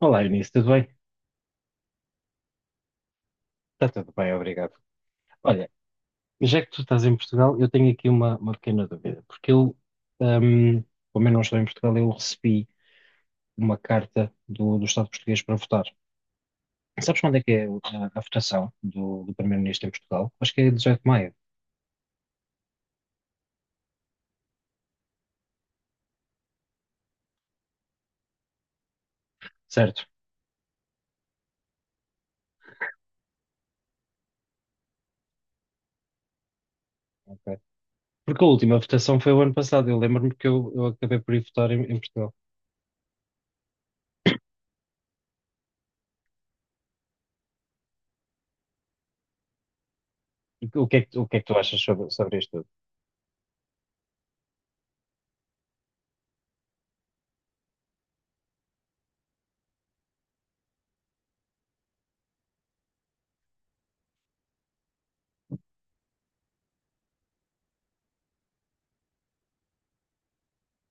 Olá, Eunice, tudo bem? Está tudo bem, obrigado. Olha, já que tu estás em Portugal, eu tenho aqui uma pequena dúvida, porque eu, hum, como eu não estou em Portugal, eu recebi uma carta do Estado português para votar. Sabes quando é que é a votação do Primeiro-Ministro em Portugal? Acho que é 18 de maio, certo? Ok. Porque a última votação foi o ano passado, eu lembro-me que eu acabei por ir votar em Portugal. O que é que tu achas sobre isto tudo?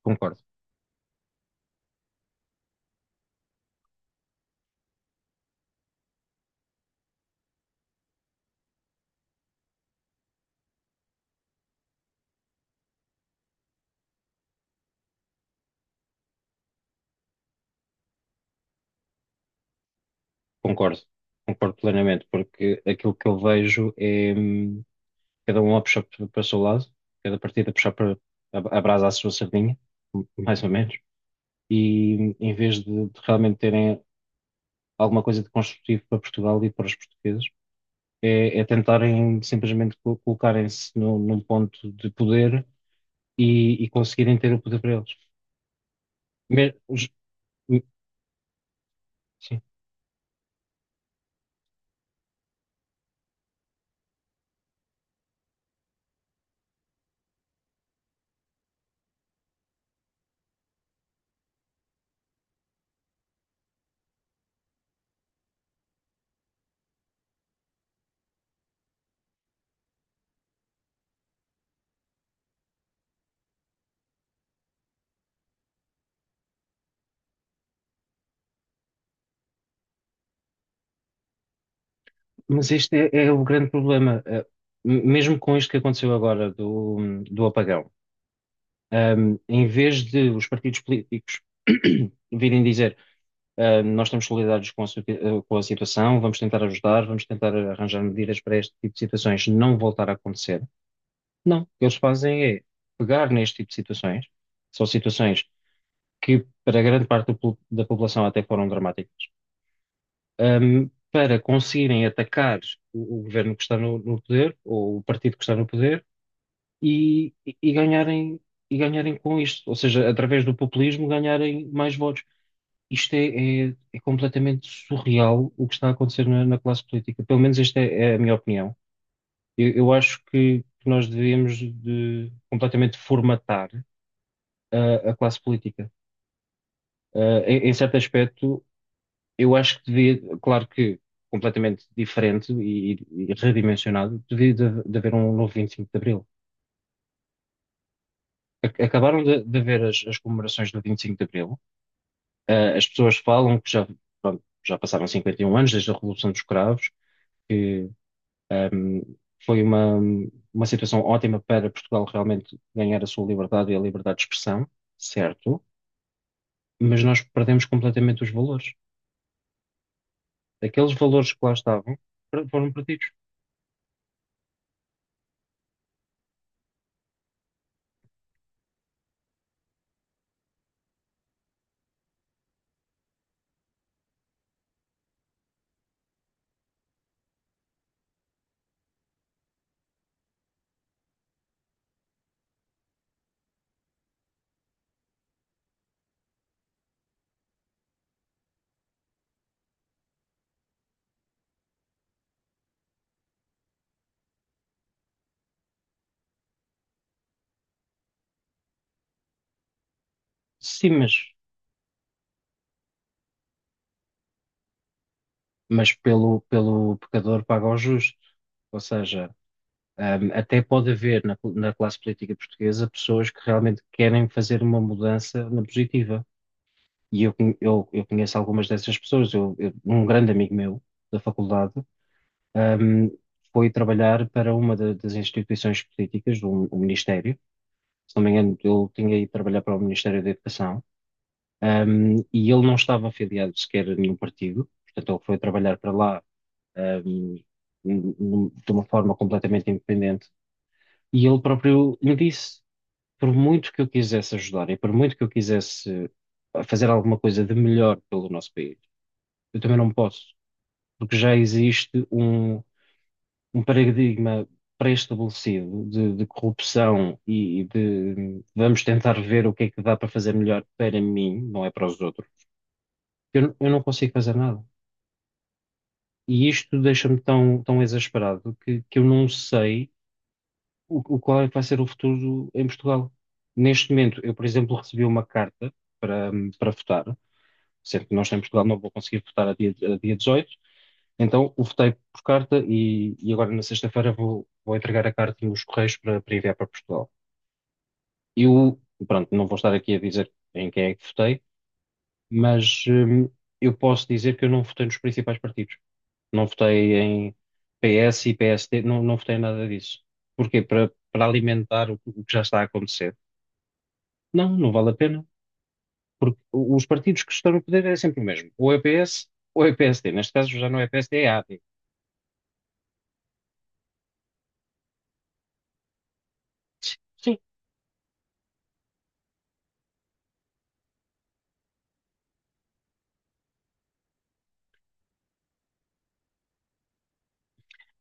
Concordo, concordo, concordo plenamente, porque aquilo que eu vejo é, cada um a puxar para o seu lado, cada partido a puxar para a brasa à sua sardinha, mais ou menos, e em vez de realmente terem alguma coisa de construtivo para Portugal e para os portugueses, é tentarem simplesmente colocarem-se num ponto de poder e conseguirem ter o poder para eles. Me- os- m- sim. Mas este é o grande problema. Mesmo com isto que aconteceu agora do apagão, em vez de os partidos políticos virem dizer: nós estamos solidários com a situação, vamos tentar ajudar, vamos tentar arranjar medidas para este tipo de situações não voltar a acontecer. Não, o que eles fazem é pegar neste tipo de situações, são situações que para grande parte da população até foram dramáticas, para conseguirem atacar o governo que está no poder, ou o partido que está no poder, e, e- e ganharem, e ganharem com isto, ou seja, através do populismo ganharem mais votos. Isto é completamente surreal o que está a acontecer na classe política. Pelo menos esta é a minha opinião. Eu acho que nós devíamos de completamente formatar a classe política. Em certo aspecto, eu acho que devia, claro que completamente diferente e redimensionado, devia de haver um novo 25 de Abril. Acabaram de haver as comemorações do 25 de Abril. As pessoas falam que já, pronto, já passaram 51 anos desde a Revolução dos Cravos. Um, Foi uma situação ótima para Portugal realmente ganhar a sua liberdade e a liberdade de expressão, certo? Mas nós perdemos completamente os valores. Aqueles valores que lá estavam foram perdidos. Sim, mas pelo pecador paga o justo. Ou seja, até pode haver na classe política portuguesa pessoas que realmente querem fazer uma mudança na positiva. E eu conheço algumas dessas pessoas. Um grande amigo meu da faculdade ahm, foi trabalhar para uma das instituições políticas, um ministério. Se não me engano, ele tinha ido trabalhar para o Ministério da Educação, e ele não estava afiliado sequer a nenhum partido, portanto, ele foi trabalhar para lá, ahm, de uma forma completamente independente. E ele próprio me disse: por muito que eu quisesse ajudar e por muito que eu quisesse fazer alguma coisa de melhor pelo nosso país, eu também não posso, porque já existe um paradigma pré-estabelecido de corrupção e de vamos tentar ver o que é que dá para fazer melhor para mim, não é para os outros, eu não consigo fazer nada. E isto deixa-me tão, tão exasperado que eu não sei o qual é que vai ser o futuro em Portugal. Neste momento, eu, por exemplo, recebi uma carta para, para, votar, sendo que nós em Portugal não vou conseguir votar a dia 18, então eu votei por carta e agora na sexta-feira vou entregar a carta nos Correios para enviar para Portugal. Eu, pronto, não vou estar aqui a dizer em quem é que votei, mas eu posso dizer que eu não votei nos principais partidos. Não votei em PS e PSD, não votei em nada disso. Porquê? para alimentar o que já está a acontecer. Não vale a pena, porque os partidos que estão no poder é sempre o mesmo. Ou é PS ou é PSD. Neste caso já não é PSD, é AD. Sim,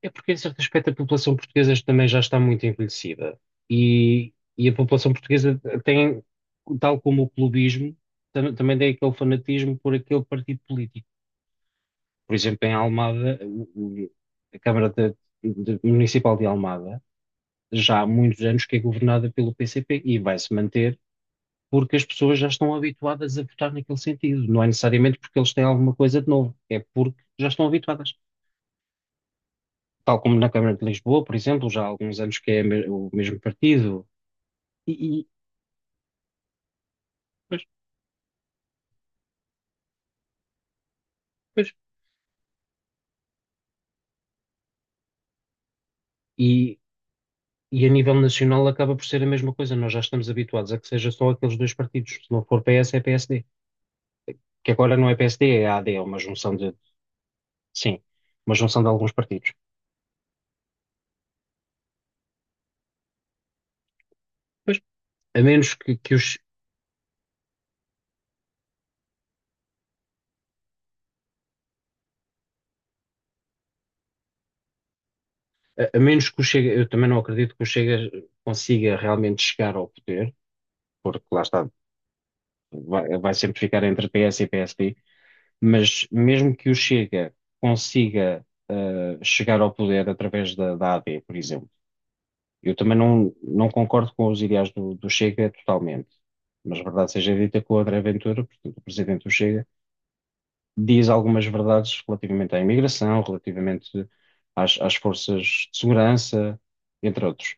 é porque, em certo aspecto, a população portuguesa também já está muito envelhecida. E a população portuguesa tem, tal como o clubismo, também tem aquele fanatismo por aquele partido político. Por exemplo, em Almada, o- a Câmara Municipal de Almada já há muitos anos que é governada pelo PCP e vai se manter porque as pessoas já estão habituadas a votar naquele sentido. Não é necessariamente porque eles têm alguma coisa de novo, é porque já estão habituadas. Tal como na Câmara de Lisboa, por exemplo, já há alguns anos que é o mesmo partido, e, e- pois, pois. E- e a nível nacional acaba por ser a mesma coisa. Nós já estamos habituados a que seja só aqueles dois partidos. Se não for PS, é PSD. Que agora não é PSD, é AD, é uma junção de, sim, uma junção de alguns partidos. Pois, a menos que, que os, a menos que o Chega, eu também não acredito que o Chega consiga realmente chegar ao poder, porque lá está, vai sempre ficar entre PS e PSD. Mas mesmo que o Chega consiga chegar ao poder através da AD, por exemplo, eu também não concordo com os ideais do Chega totalmente. Mas verdade seja dita que o André Ventura, portanto, o presidente do Chega, diz algumas verdades relativamente à imigração, relativamente às forças de segurança, entre outros.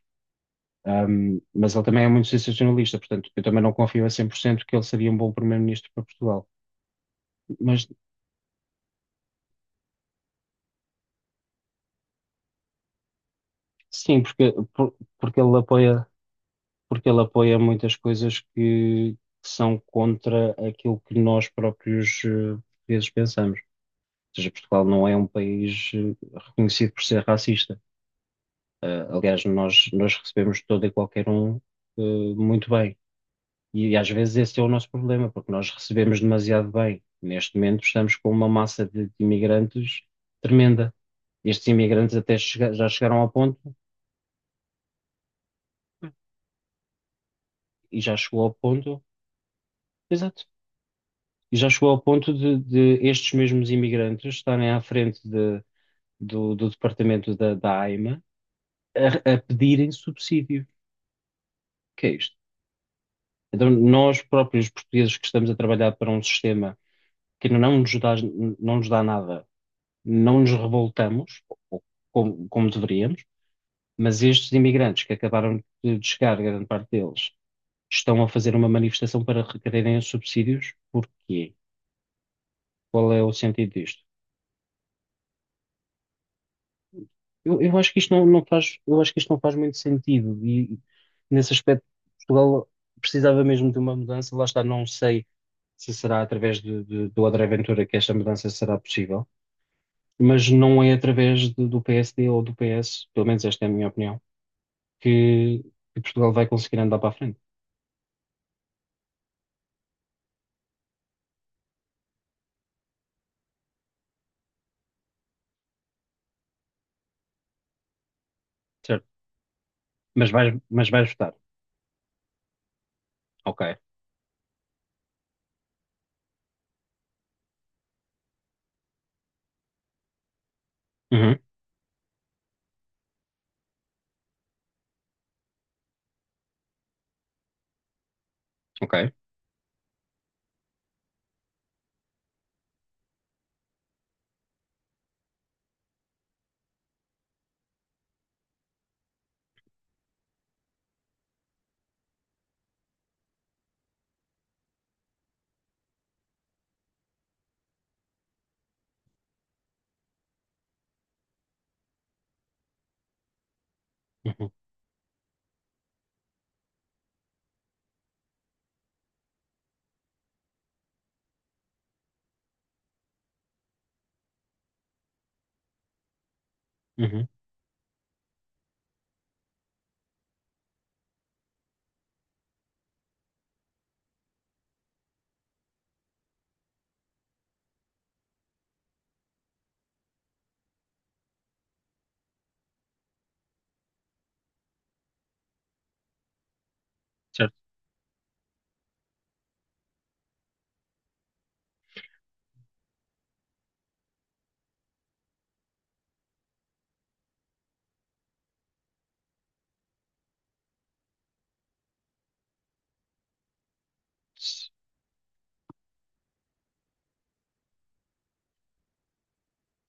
Mas ele também é muito sensacionalista, portanto, eu também não confio a 100% que ele seria um bom primeiro-ministro para Portugal. Mas sim, porque ele apoia muitas coisas que são contra aquilo que nós próprios portugueses pensamos. Ou seja, Portugal não é um país reconhecido por ser racista. Aliás, nós recebemos todo e qualquer um, muito bem. E às vezes esse é o nosso problema, porque nós recebemos demasiado bem. Neste momento estamos com uma massa de imigrantes tremenda. Estes imigrantes até já chegaram ao ponto, e já chegou ao ponto, exato, e já chegou ao ponto de estes mesmos imigrantes estarem à frente do departamento da AIMA a pedirem subsídio. O que é isto? Então, nós próprios portugueses que estamos a trabalhar para um sistema que não nos dá, não nos dá nada, não nos revoltamos, ou- como deveríamos, mas estes imigrantes que acabaram de chegar, grande parte deles, estão a fazer uma manifestação para requererem os subsídios. Porquê? Qual é o sentido disto? Eu acho que isto não faz muito sentido e nesse aspecto Portugal precisava mesmo de uma mudança. Lá está, não sei se será através do André Ventura que esta mudança será possível, mas não é através do PSD ou do PS, pelo menos esta é a minha opinião, que Portugal vai conseguir andar para a frente, certo? Mas vais votar, ok? Uhum, ok. Uhum, uhum, certo.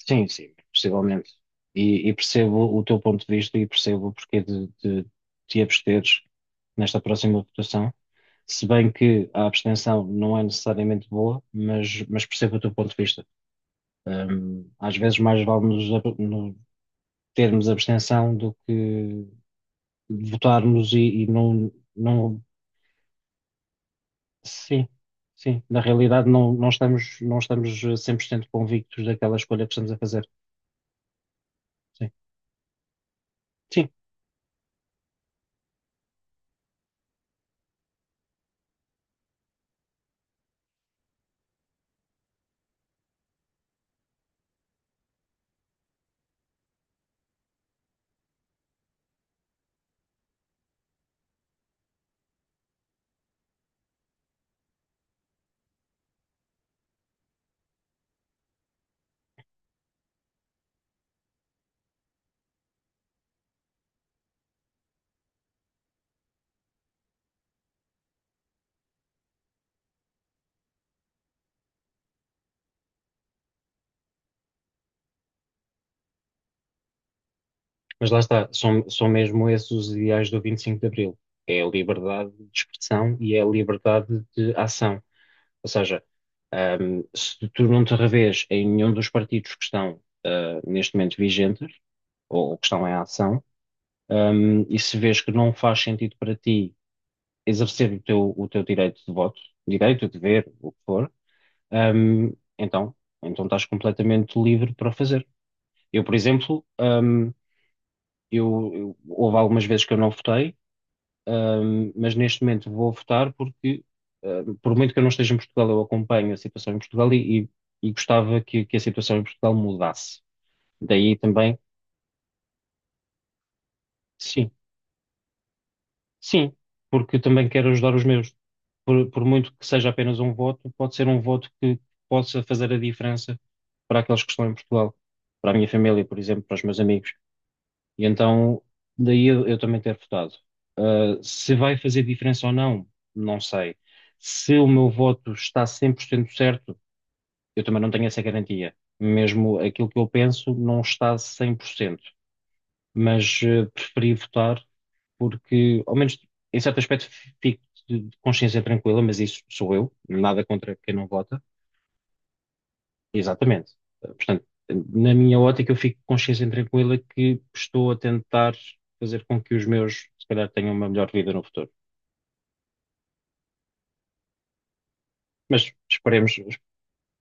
Sim, sim, possivelmente. E percebo o teu ponto de vista e percebo o porquê de te absteres nesta próxima votação. Se bem que a abstenção não é necessariamente boa, mas, percebo o teu ponto de vista. Às vezes mais vale nos, ab- no- termos abstenção do que votarmos e não. Sim, sim. Na realidade, não estamos 100% convictos daquela escolha que estamos a fazer. Sim. Sim, mas lá está, são mesmo esses os ideais do 25 de Abril. É a liberdade de expressão e é a liberdade de ação. Ou seja, se tu não te revês em nenhum dos partidos que estão, neste momento vigentes, ou que estão em ação, e se vês que não faz sentido para ti exercer o teu direito de voto, direito, dever, o que for, ahm, então, então estás completamente livre para o fazer. Eu, por exemplo, houve algumas vezes que eu não votei. Mas neste momento vou votar porque, por muito que eu não esteja em Portugal, eu acompanho a situação em Portugal e gostava que a situação em Portugal mudasse. Daí também, sim, sim, porque também quero ajudar os meus. Por muito que seja apenas um voto, pode ser um voto que possa fazer a diferença para aqueles que estão em Portugal, para a minha família, por exemplo, para os meus amigos. E então, daí eu também ter votado. Se vai fazer diferença ou não, não sei. Se o meu voto está 100% certo, eu também não tenho essa garantia. Mesmo aquilo que eu penso não está 100%. Mas preferi votar porque, ao menos em certo aspecto, fico de consciência tranquila, mas isso sou eu, nada contra quem não vota. Exatamente. Portanto, na minha ótica, eu fico com consciência tranquila que estou a tentar fazer com que os meus, se calhar, tenham uma melhor vida no futuro. Mas esperemos,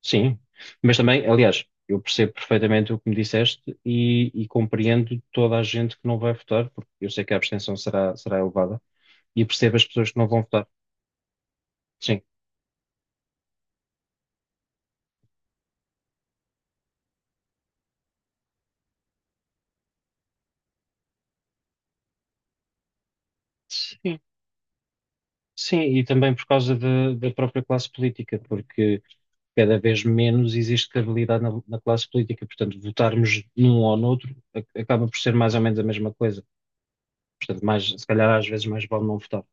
sim. Mas também, aliás, eu percebo perfeitamente o que me disseste e compreendo toda a gente que não vai votar, porque eu sei que a abstenção será elevada, e percebo as pessoas que não vão votar. Sim. Sim, sim, e também por causa da própria classe política, porque cada vez menos existe credibilidade na classe política. Portanto, votarmos num ou noutro acaba por ser mais ou menos a mesma coisa. Portanto, mais, se calhar às vezes mais vale não votar.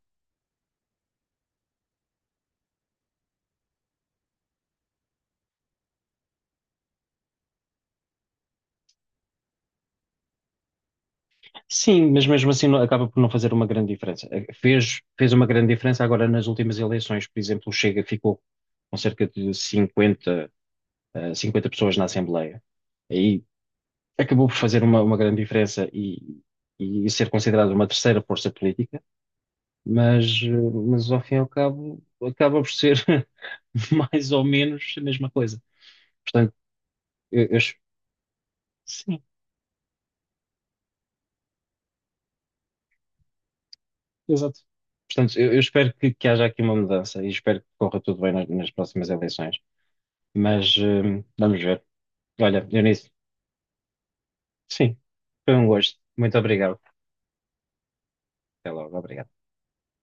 Sim, mas mesmo assim acaba por não fazer uma grande diferença. Fez uma grande diferença agora nas últimas eleições. Por exemplo, o Chega ficou com cerca de 50, 50 pessoas na Assembleia. Aí acabou por fazer uma grande diferença e ser considerado uma terceira força política, mas, eh, mas ao fim e ao cabo acaba por ser mais ou menos a mesma coisa. Portanto, eu, eu es- sim, exato. Portanto, eu espero que haja aqui uma mudança e espero que corra tudo bem nas próximas eleições. Mas vamos ver. Olha, Dionísio, sim, foi um gosto. Muito obrigado. Até logo, obrigado.